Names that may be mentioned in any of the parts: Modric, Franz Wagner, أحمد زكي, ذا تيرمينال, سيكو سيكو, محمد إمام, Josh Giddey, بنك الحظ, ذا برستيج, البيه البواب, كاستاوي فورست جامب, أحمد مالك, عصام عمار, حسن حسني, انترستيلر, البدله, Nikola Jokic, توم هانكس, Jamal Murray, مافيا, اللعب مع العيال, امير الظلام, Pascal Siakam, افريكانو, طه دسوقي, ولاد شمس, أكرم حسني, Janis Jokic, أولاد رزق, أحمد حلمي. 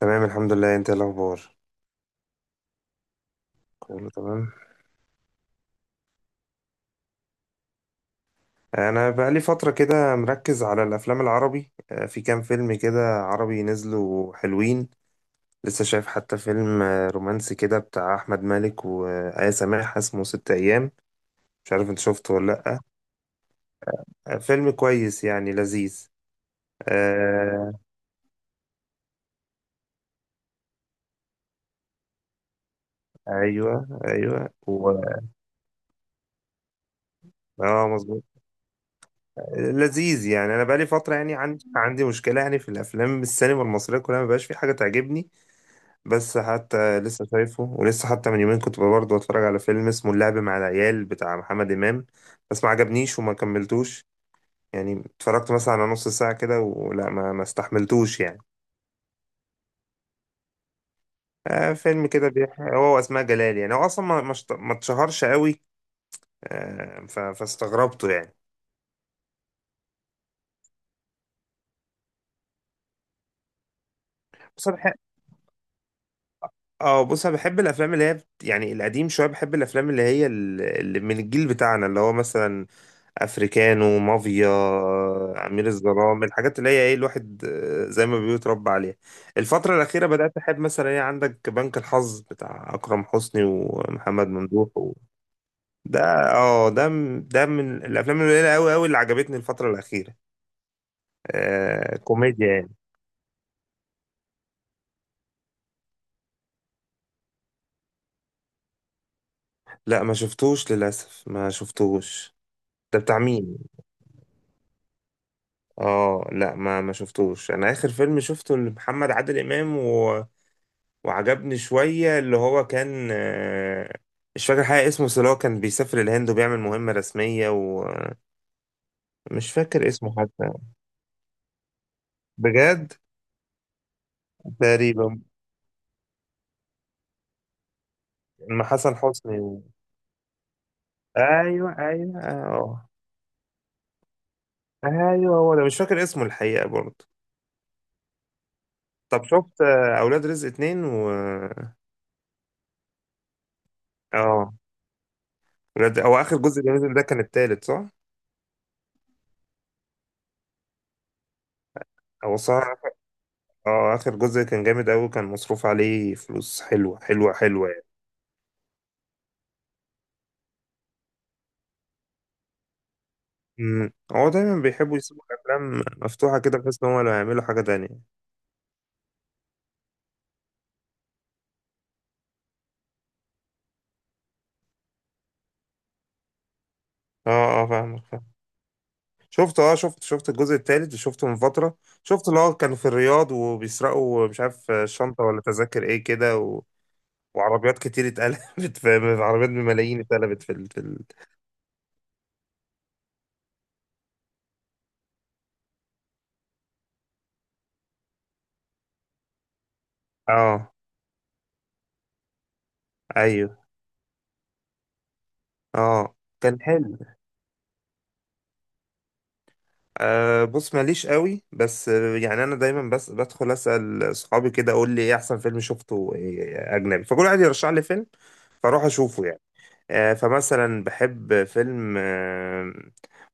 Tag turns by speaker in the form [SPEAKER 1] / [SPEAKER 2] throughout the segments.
[SPEAKER 1] تمام، الحمد لله. انت ايه الاخبار؟ كله تمام. انا بقالي فتره كده مركز على الافلام العربي، في كام فيلم كده عربي نزلوا حلوين. لسه شايف حتى فيلم رومانسي كده بتاع احمد مالك وآية سماح، اسمه ست ايام. مش عارف انت شفته ولا لا. آه، فيلم كويس يعني لذيذ. آه، ايوه ايوه. اه مظبوط. لذيذ يعني. انا بقالي فتره، يعني عندي مشكله يعني في الافلام، السينما المصريه كلها ما بقاش في حاجه تعجبني. بس حتى لسه شايفه، ولسه حتى من يومين كنت برضه بتفرج على فيلم اسمه اللعب مع العيال بتاع محمد إمام. بس ما عجبنيش وما كملتوش. يعني اتفرجت مثلا على نص ساعة كده، ولا ما استحملتوش يعني. آه، فيلم كده بيحكي هو وأسماء جلال، يعني هو أصلا ما اتشهرش قوي. فاستغربته يعني. بص أنا بحب. اه، بص انا بحب الافلام اللي هي يعني القديم شويه، بحب الافلام اللي هي اللي من الجيل بتاعنا، اللي هو مثلا افريكانو مافيا، امير الظلام، الحاجات اللي هي ايه الواحد، زي ما بيقول اتربى عليها. الفتره الاخيره بدات احب مثلا، ايه، عندك بنك الحظ بتاع اكرم حسني ومحمد ممدوح. ده، اه، ده من الافلام القليله قوي قوي اللي عجبتني الفتره الاخيره. آه، كوميديا يعني. لا، ما شفتوش للاسف، ما شفتوش. ده بتاع مين؟ اه لا، ما شفتوش. انا اخر فيلم شفته لمحمد عادل امام وعجبني شوية، اللي هو كان، مش فاكر حاجة اسمه، بس اللي هو كان بيسافر الهند وبيعمل مهمة رسمية، ومش فاكر اسمه حتى بجد. تقريبا. مع حسن حسني. أيوه أيوه أه، أيوه هو ده، مش فاكر اسمه الحقيقة برضه. طب شفت أولاد رزق اتنين و أه. ولاد، هو آخر جزء اللي نزل ده كان التالت، صح؟ هو صح. أه، آخر جزء كان جامد أوي، كان مصروف عليه فلوس حلوة حلوة حلوة. هو دايما بيحبوا يسيبوا الافلام مفتوحه كده، بحيث ان هم لو هيعملوا حاجه تانية. اه اه، فاهمك فاهم. شفت اه، شفت الجزء التالت، شفته من فتره. شفت اللي هو كانوا في الرياض وبيسرقوا مش عارف شنطه ولا تذاكر ايه كده. وعربيات كتير اتقلبت في عربيات بملايين اتقلبت. اه ايوه. اه كان حلو. آه، بص ماليش قوي، بس يعني انا دايما بس بدخل اسال صحابي كده، اقول لي ايه احسن فيلم شفته، إيه اجنبي، فكل واحد يرشح لي فيلم. فاروح اشوفه يعني. فمثلا بحب فيلم،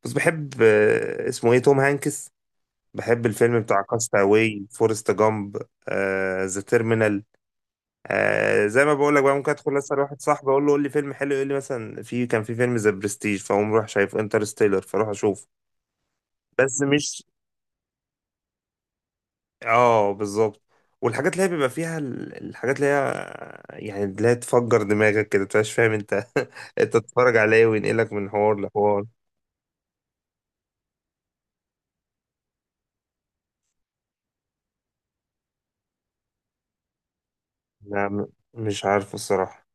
[SPEAKER 1] بس بحب، اسمه ايه توم هانكس. بحب الفيلم بتاع كاستاوي، فورست جامب، ذا تيرمينال. آه، زي ما بقول لك بقى ممكن ادخل اسال واحد صاحبي، اقول له قول لي فيلم حلو، يقول لي مثلا في، كان في فيلم ذا برستيج، فاقوم رايح شايف انترستيلر، فاروح اشوف. بس مش، اه بالظبط. والحاجات اللي هي بيبقى فيها الحاجات اللي هي يعني اللي هي تفجر دماغك كده، تبقاش فاهم انت انت تتفرج عليه وينقلك من حوار لحوار. لا م- مش عارف الصراحة.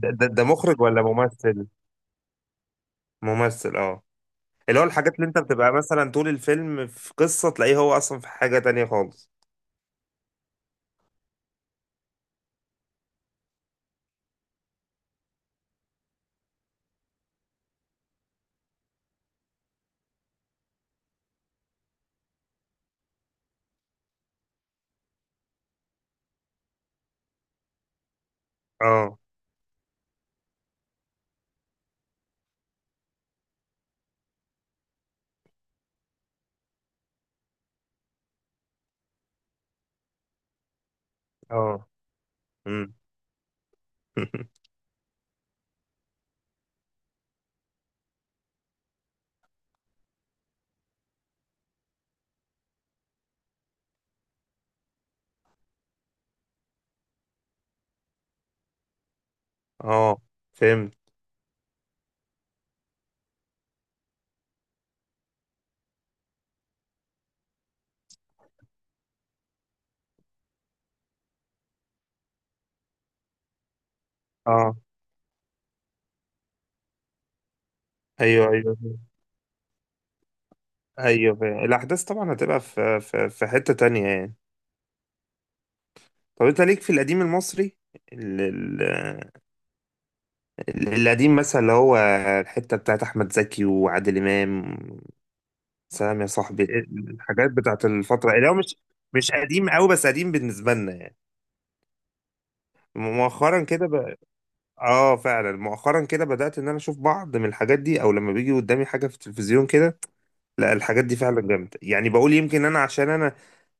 [SPEAKER 1] ده مخرج ولا ممثل؟ ممثل اه. اللي هو الحاجات اللي انت بتبقى مثلا طول الفيلم في قصة، تلاقيه هو اصلا في حاجة تانية خالص. اه اه، امم اه، فهمت. اه، ايوه ايوه ايوه، فهمت. الاحداث طبعا هتبقى في في حتة تانية يعني. طب انت ليك في القديم المصري، ال- ال- القديم مثلا، اللي هو الحتة بتاعت احمد زكي وعادل امام، سلام يا صاحبي، إيه الحاجات بتاعت الفترة اللي هو مش، مش قديم قوي بس قديم بالنسبة لنا يعني. مؤخرا كده ب... اه، فعلا مؤخرا كده بدأت ان انا اشوف بعض من الحاجات دي، او لما بيجي قدامي حاجة في التلفزيون كده. لا، الحاجات دي فعلا جامدة يعني، بقول يمكن انا عشان انا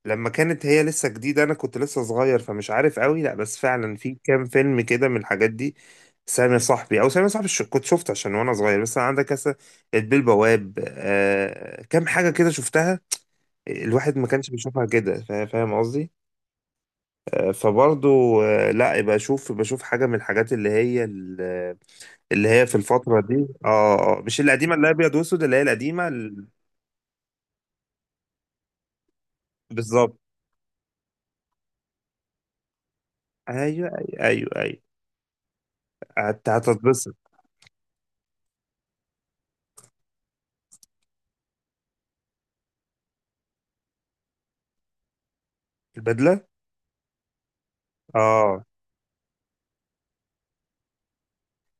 [SPEAKER 1] لما كانت هي لسه جديدة انا كنت لسه صغير فمش عارف قوي، لا بس فعلا في كام فيلم كده من الحاجات دي. سامي صاحبي، او سامي صاحبي، كنت شفته عشان وانا صغير، بس عندك مثلا البيه البواب، آه، كام حاجة كده شفتها. الواحد ما كانش بيشوفها كده، فاهم قصدي. فبرضه لا، بشوف بشوف حاجه من الحاجات اللي هي اللي هي في الفتره دي. اه، مش القديمه اللي هي ابيض واسود، اللي هي القديمه. بالظبط. ايوه ايوه ايوه ايوه. هتتبسط. البدله اه،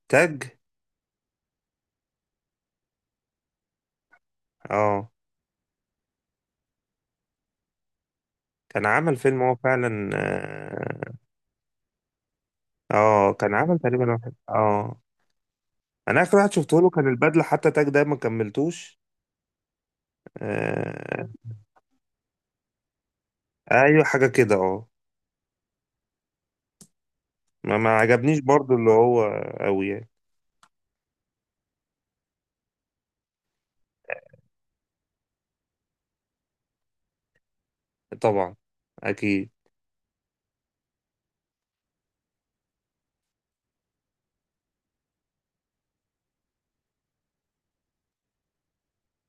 [SPEAKER 1] تاج اه، كان عمل فيلم هو فعلا اه، كان عمل تقريبا واحد اه. انا اخر واحد شفته له كان البدله، حتى تاج ده ما كملتوش. آه، ايوه حاجه كده اه. ما عجبنيش برضو، اللي هو قوي يعني. طبعا، اكيد.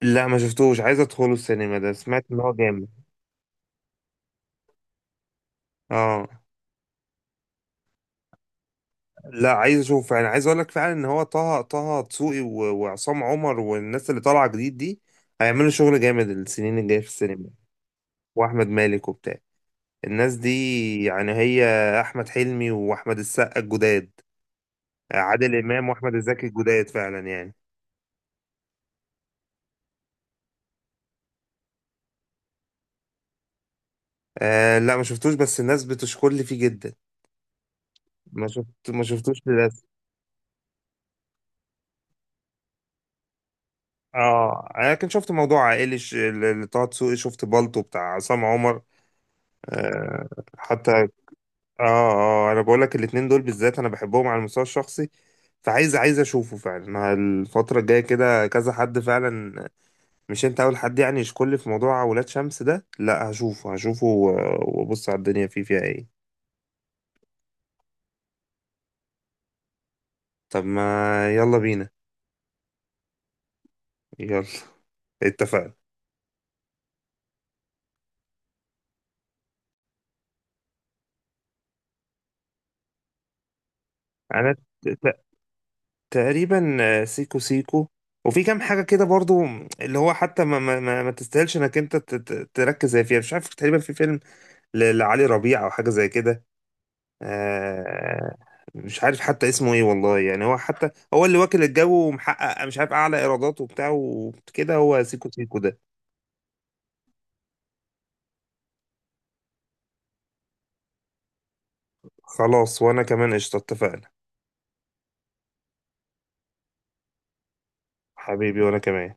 [SPEAKER 1] لا، ما شفتوش، عايز ادخله السينما، ده سمعت ان هو جامد. اه، لا عايز اشوف فعلا، عايز اقول لك فعلا ان هو طه دسوقي، وعصام عمر والناس اللي طالعه جديد دي، هيعملوا شغل جامد السنين الجايه في السينما. واحمد مالك وبتاع، الناس دي يعني، هي احمد حلمي واحمد السقا الجداد، عادل امام واحمد الزكي الجداد فعلا يعني. آه، لا ما شفتوش بس الناس بتشكر لي فيه جدا. ما شفت، ما شفتوش للاسف. اه، انا كنت شفت موضوع عائلي، اللي طه دسوقي، شفت بالطو بتاع عصام عمر، آه، حتى. اه اه، انا بقول لك الاتنين دول بالذات انا بحبهم على المستوى الشخصي، عايز اشوفه فعلا الفترة الجاية كده. كذا حد فعلا، مش انت اول حد يعني يشكر لي في موضوع ولاد شمس ده، لا هشوفه هشوفه وابص على الدنيا فيه، فيها ايه. طب ما يلا بينا. يلا. اتفقنا. انا تقريبا سيكو سيكو وفي كام حاجة كده برضو، اللي هو حتى ما تستاهلش انك انت تركز زي فيها، مش عارف، تقريبا في فيلم لعلي ربيع او حاجة زي كده. آه، مش عارف حتى اسمه ايه والله يعني، هو حتى هو اللي واكل الجو ومحقق مش عارف اعلى ايرادات وبتاع وكده، هو سيكو سيكو ده. خلاص وانا كمان قشطة، اتفقنا. حبيبي وانا كمان.